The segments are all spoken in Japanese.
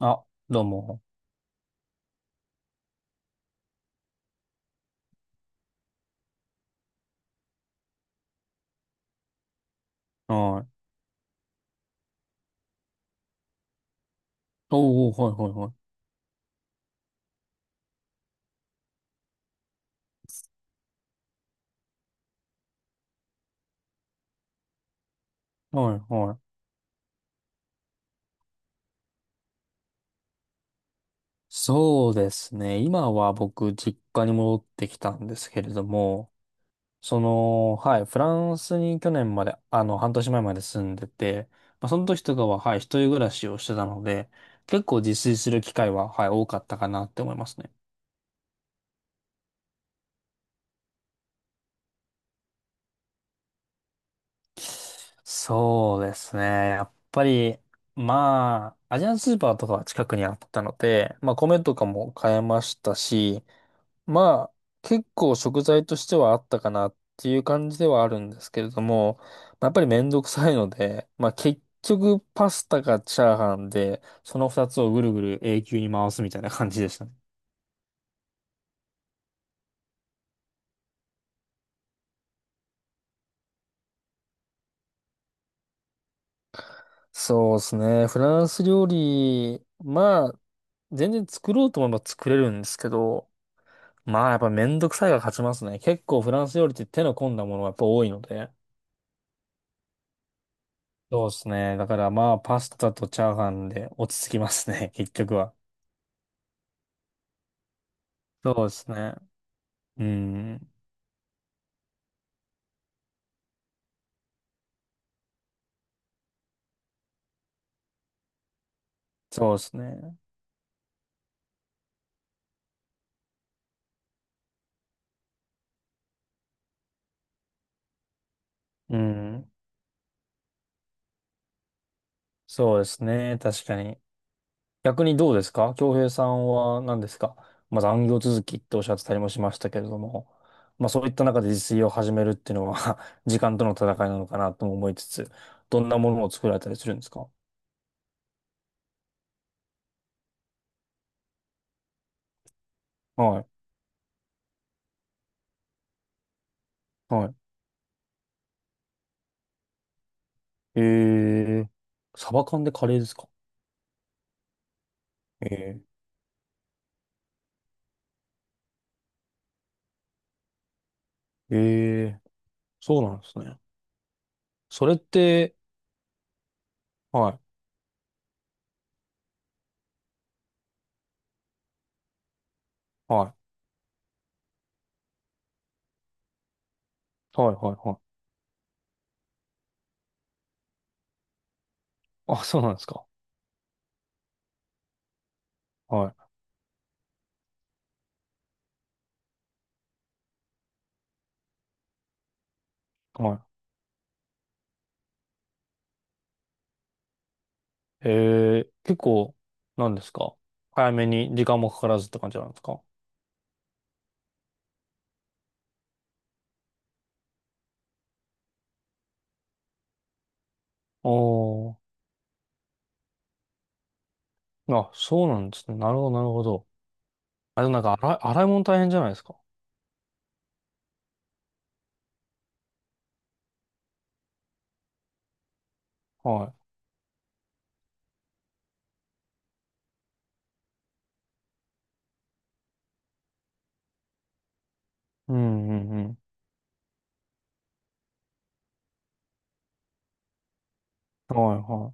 あ、どうも。はい。おー、はいはいはい。はいはい。そうですね。今は僕、実家に戻ってきたんですけれども、はい、フランスに去年まで、半年前まで住んでて、まあ、その時とかは、はい、一人暮らしをしてたので、結構自炊する機会は、はい、多かったかなって思いますね。そうですね。やっぱり、まあ、アジアンスーパーとかは近くにあったので、まあ、米とかも買えましたし、まあ、結構食材としてはあったかなっていう感じではあるんですけれども、まあ、やっぱりめんどくさいので、まあ結局パスタかチャーハンで、その二つをぐるぐる永久に回すみたいな感じでしたね。そうですね。フランス料理、まあ、全然作ろうと思えば作れるんですけど、まあやっぱめんどくさいが勝ちますね。結構フランス料理って手の込んだものがやっぱ多いので。そうですね。だからまあパスタとチャーハンで落ち着きますね、結局は。そうですね。うん。そうですね。うん。そうですね。確かに。逆にどうですか？京平さんは何ですか？まず残業続きっておっしゃってたりもしましたけれども、まあそういった中で自炊を始めるっていうのは 時間との戦いなのかなとも思いつつ、どんなものを作られたりするんですか？はい。はい。えー、サバ缶でカレーですか？えー、えー、そうなんですね。それって、はい、はい、はい、はい、はい。あ、そうなんですか。はい。はい。へえ、結構、なんですか？早めに時間もかからずって感じなんですか？おー。あ、そうなんですね。なるほど、なるほど。あでもなんか洗い物大変じゃないですか。はい。うんうんうん。はいは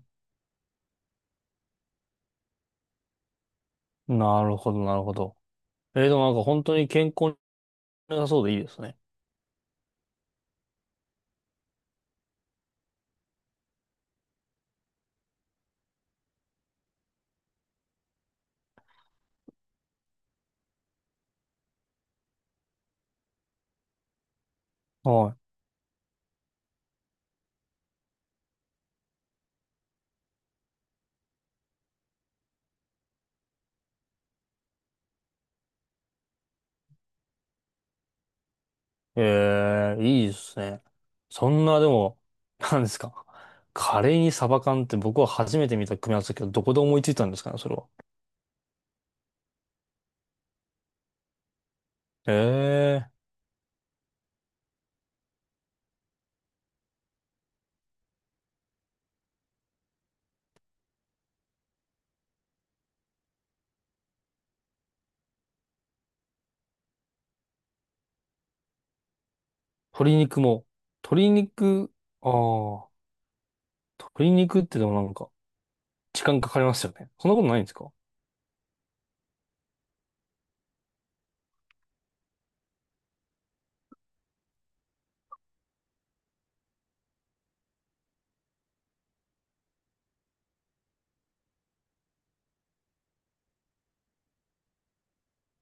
い。なるほど、なるほど。でもなんか本当に健康に良さそうでいいですね。はい。いいですね。そんな、でも、なんですか。カレーにサバ缶って僕は初めて見た組み合わせだけど、どこで思いついたんですかね、それは。え、鶏肉も、鶏肉、ああ、鶏肉ってでもなんか、時間かかりますよね。そんなことないんですか？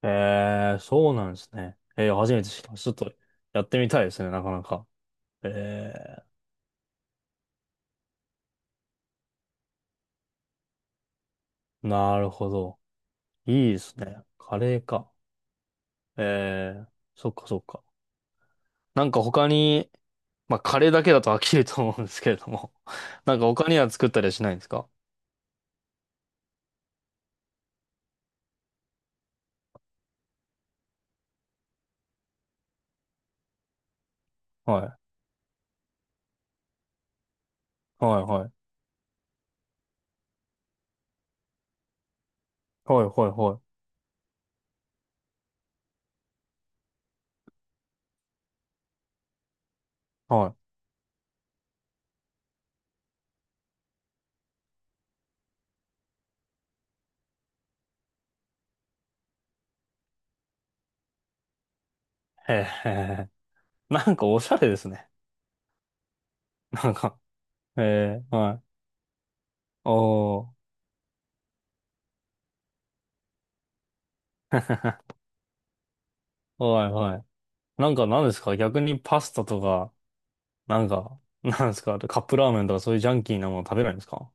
えー、そうなんですね。えー、初めて知った。ちょっと、やってみたいですね、なかなか。えー、なるほど。いいですね。カレーか。えー、そっかそっか。なんか他に、まあ、カレーだけだと飽きると思うんですけれども。なんか他には作ったりはしないんですか？はい。はいはい。はいはいはい。はい。へーへーへー。なんかおしゃれですね。なんかええ、はい。おー。はいはい。なんか何ですか？逆にパスタとか、なんか、なんですかカップラーメンとかそういうジャンキーなもの食べないんですか？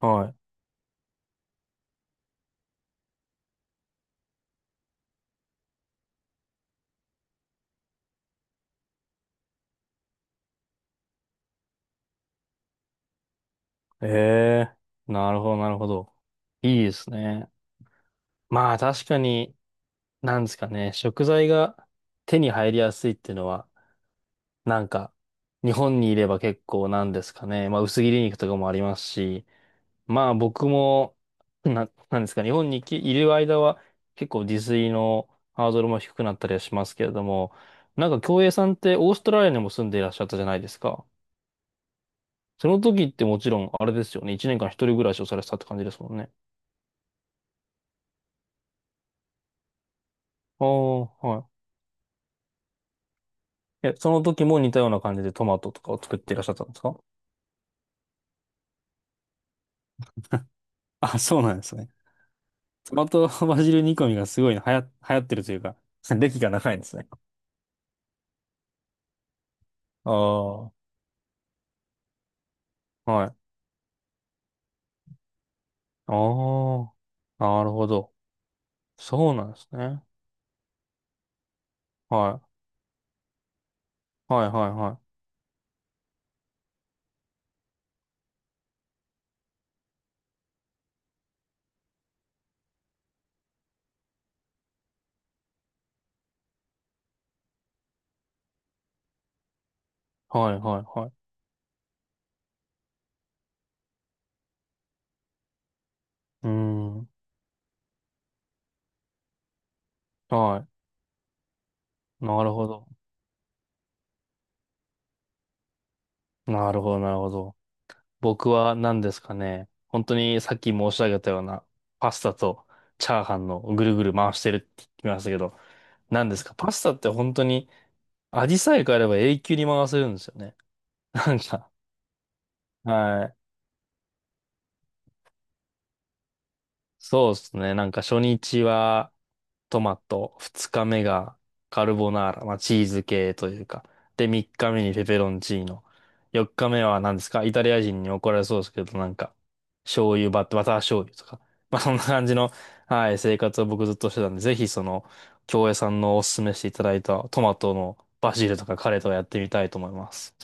はい。ええー、なるほどなるほど。いいですね。まあ確かに、なんですかね、食材が手に入りやすいっていうのは、なんか、日本にいれば結構なんですかね、まあ薄切り肉とかもありますし、まあ僕も、なんですかね、日本にきいる間は結構自炊のハードルも低くなったりはしますけれども、なんか京平さんってオーストラリアにも住んでいらっしゃったじゃないですか。その時ってもちろんあれですよね、1年間一人暮らしをされてたって感じですもんね。ああ、はい。え、その時も似たような感じでトマトとかを作っていらっしゃったんですか？ あ、そうなんですね。トマトバジル煮込みがすごい流行ってるというか、歴が長いんですね。ああ、はい。ああ、なるほど。そうなんですね。はい。はいはいはい。はいはいはい。うーん。はい。なるほど。なるほどなるほど。僕は何ですかね。本当にさっき申し上げたようなパスタとチャーハンのぐるぐる回してるって言ってましたけど、何ですか。パスタって本当に味さえ変えれば永久に回せるんですよね。なんか、はい。そうですね。なんか初日はトマト、二日目がカルボナーラ、まあチーズ系というか。で、三日目にペペロンチーノ。四日目は何ですか？イタリア人に怒られそうですけど、なんか、醤油バタ、バター醤油とか。まあそんな感じの、はい、生活を僕ずっとしてたんで、ぜひ京江さんのおすすめしていただいたトマトのバジルとかカレーとかやってみたいと思います。